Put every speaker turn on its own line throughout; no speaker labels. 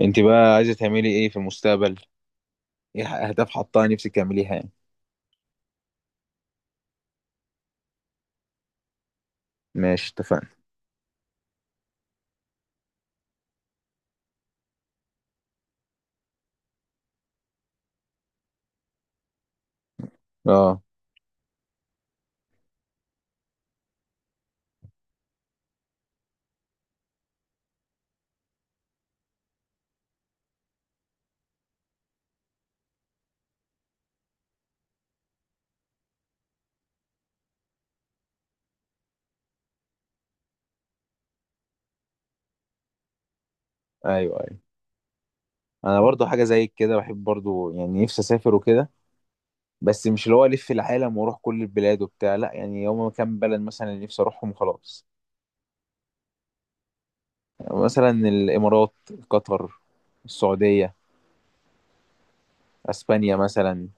انت بقى عايزه تعملي ايه في المستقبل؟ ايه اهداف حطها نفسك تعمليها يعني؟ ماشي، اتفقنا. اه، ايوه ايوه، انا برضو حاجه زي كده، بحب برضو يعني نفسي اسافر وكده. بس مش اللي هو الف العالم واروح كل البلاد وبتاع، لا، يعني هما كام بلد مثلا اللي نفسي اروحهم خلاص. مثلا الامارات، قطر، السعوديه، اسبانيا مثلا،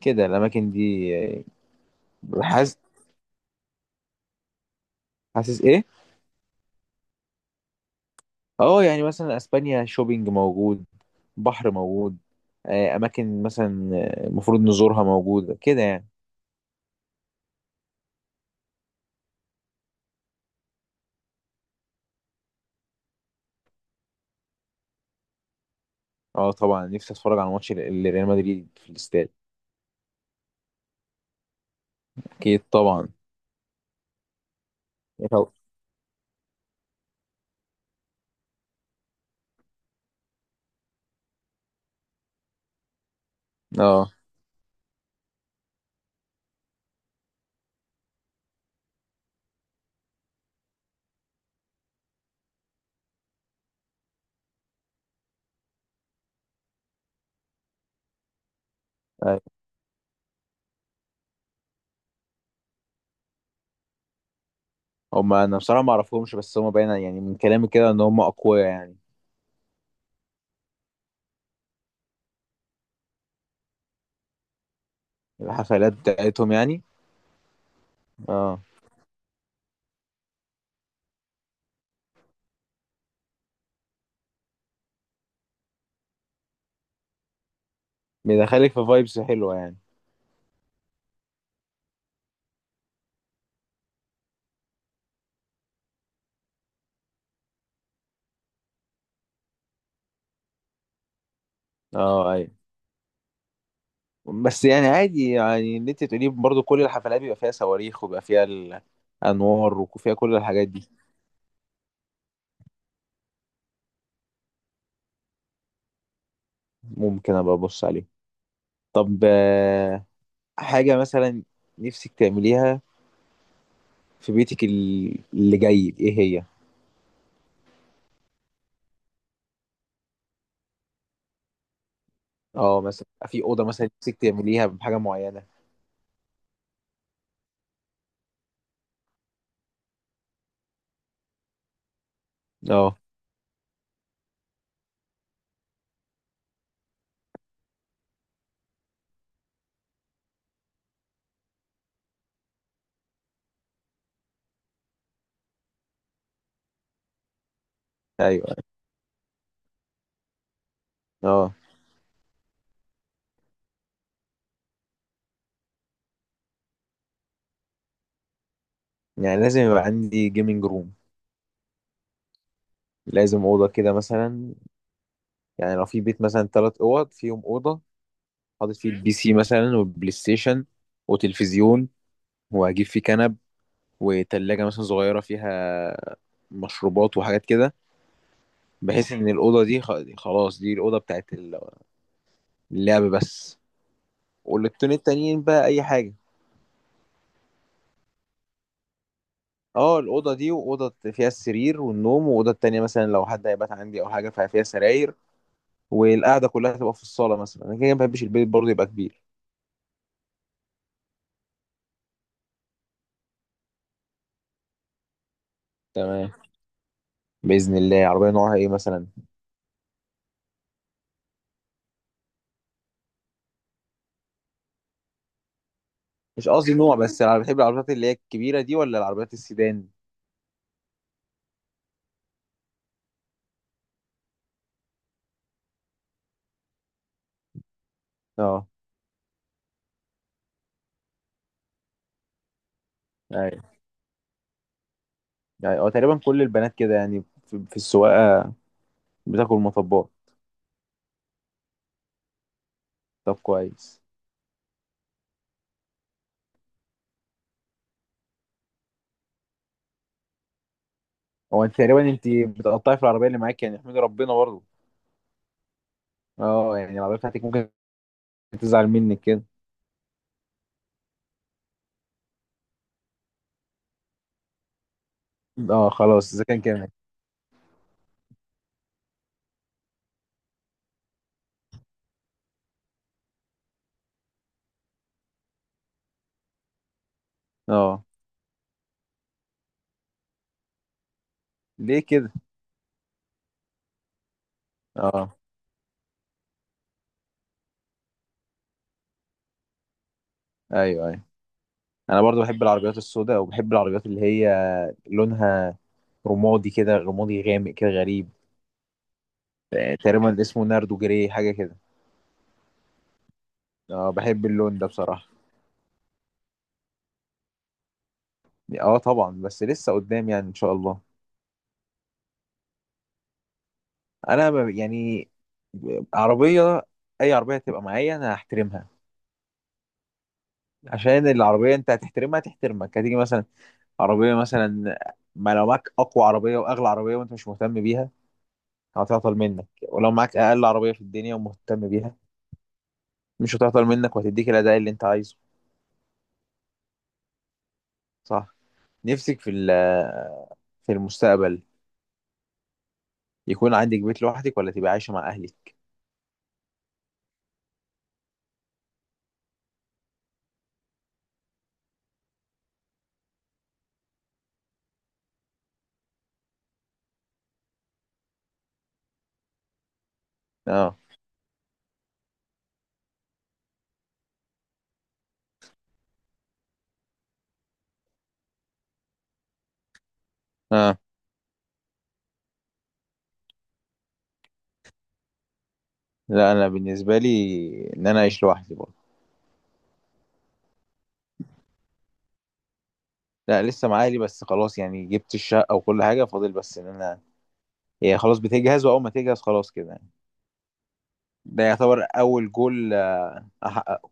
كده الاماكن دي. حاسس. حاسس ايه؟ اه يعني مثلا اسبانيا، شوبينج موجود، بحر موجود، اماكن مثلا المفروض نزورها موجوده كده يعني. اه طبعا، نفسي اتفرج على ماتش ريال مدريد في الاستاد. اكيد طبعا. طب- اه. آه. هم انا بصراحه ما اعرفهمش، بس هم باين يعني من كلامي كده ان هم اقوياء يعني. الحفلات بتاعتهم يعني. اه. بيدخلك في فايبس حلوه يعني. اه، اي. بس يعني عادي، يعني اللي انت تقوليه برضو كل الحفلات بيبقى فيها صواريخ وبيبقى فيها الانوار وفيها كل الحاجات دي. ممكن ابقى ابص عليه. طب حاجة مثلا نفسك تعمليها في بيتك، اللي جاي ايه هي؟ اه مثلا في أوضة مثلا نفسك تعمليها بحاجة معينة؟ اه. ايوه. اه يعني لازم يبقى عندي جيمنج روم، لازم أوضة كده مثلا. يعني لو في بيت مثلا ثلاث أوض، فيهم أوضة حاطط فيه البي سي مثلا والبلاي ستيشن وتلفزيون، وهجيب فيه كنب وتلاجة مثلا صغيرة فيها مشروبات وحاجات كده، بحيث إن الأوضة دي خلاص دي الأوضة بتاعت اللعب بس. والاوضتين التانيين بقى اي حاجه. اه، الاوضه دي واوضه فيها السرير والنوم، واوضه التانيه مثلا لو حد هيبات عندي او حاجه ففيها سراير، والقعده كلها تبقى في الصاله مثلا. انا كده ما بحبش البيت برضه يبقى كبير. تمام. باذن الله. عربيه نوعها ايه مثلا؟ مش قصدي نوع، بس انا بحب العربيات اللي هي الكبيره دي ولا العربيات السيدان؟ اه. ايوه يعني، هو تقريبا كل البنات كده يعني في في السواقه بتاكل مطبات. طب كويس. هو انت تقريبا انت بتقطعي في العربيه اللي معاك، يعني احمدي ربنا برضه. اه يعني العربيه بتاعتك ممكن تزعل منك كده. اه، خلاص اذا كان كامل. اه ليه كده؟ اه. ايوه ايوه، انا برضو بحب العربيات السوداء، وبحب العربيات اللي هي لونها رمادي كده، رمادي غامق كده غريب. تقريبا اسمه ناردو جري حاجه كده. اه بحب اللون ده بصراحه. اه طبعا، بس لسه قدام يعني ان شاء الله. انا يعني عربيه، اي عربيه هتبقى معايا انا هحترمها. عشان العربيه انت هتحترمها هتحترمك. هتيجي مثلا عربيه مثلا، ما لو معاك اقوى عربيه واغلى عربيه وانت مش مهتم بيها هتعطل منك، ولو معاك اقل عربيه في الدنيا ومهتم بيها مش هتعطل منك، وهتديك الاداء اللي انت عايزه. صح. نفسك في في المستقبل يكون عندك بيت لوحدك ولا تبقى عايشه مع اهلك؟ اه. اه. لا انا بالنسبه لي ان انا اعيش لوحدي برضه. لا لسه مع اهلي، بس خلاص يعني جبت الشقه وكل حاجه، فاضل بس ان انا، هي خلاص بتجهز، واول ما تجهز خلاص كده يعني. ده يعتبر اول جول احققه.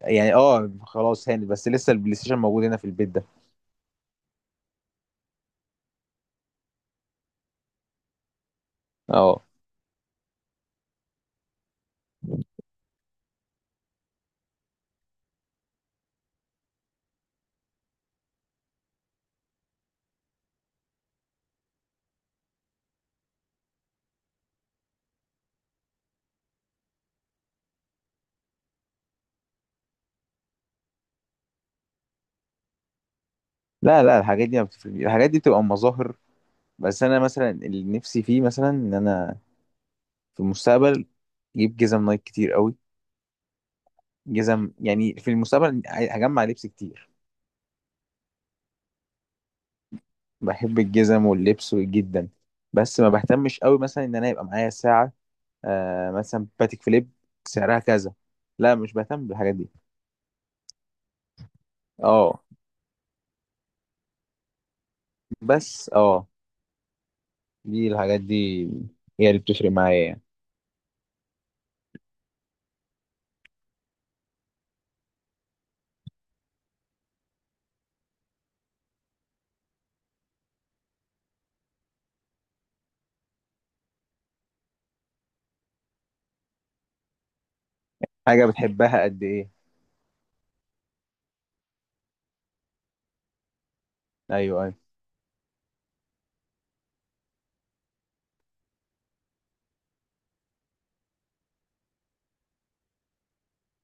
يعني اه، خلاص هانت، بس لسه البلاي ستيشن موجود هنا في البيت ده. اه. لا لا، الحاجات دي ما بتفرق، الحاجات دي بتبقى مظاهر. بس انا مثلا اللي نفسي فيه مثلا ان انا في المستقبل اجيب جزم نايك كتير قوي. جزم يعني. في المستقبل هجمع لبس كتير. بحب الجزم واللبس جدا. بس ما بهتمش قوي مثلا ان انا يبقى معايا ساعة آه مثلا باتيك فيليب سعرها كذا، لا مش بهتم بالحاجات دي. اه بس اه، دي الحاجات دي هي اللي بتفرق معايا يعني. حاجة بتحبها قد ايه. ايوه ايوه.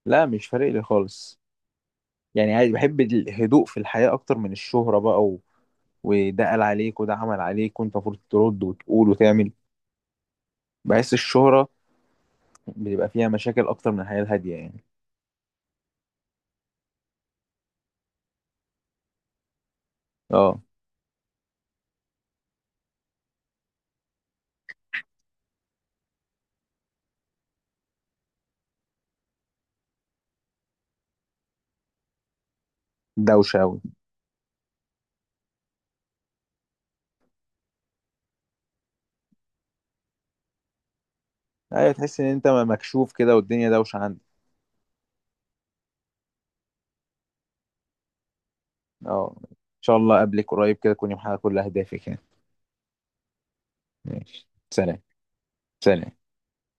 لا مش فارق لي خالص، يعني عادي، بحب الهدوء في الحياة أكتر من الشهرة بقى، وده قال عليك وده عمل عليك وأنت المفروض ترد وتقول وتعمل. بحس الشهرة بيبقى فيها مشاكل أكتر من الحياة الهادية يعني. أه. دوشة أوي. أيوة، تحس إن أنت مكشوف كده والدنيا دوشة عندك. أه، إن شاء الله أقابلك قريب كده تكوني محققة كل أهدافك يعني. ماشي، سلام. سلام.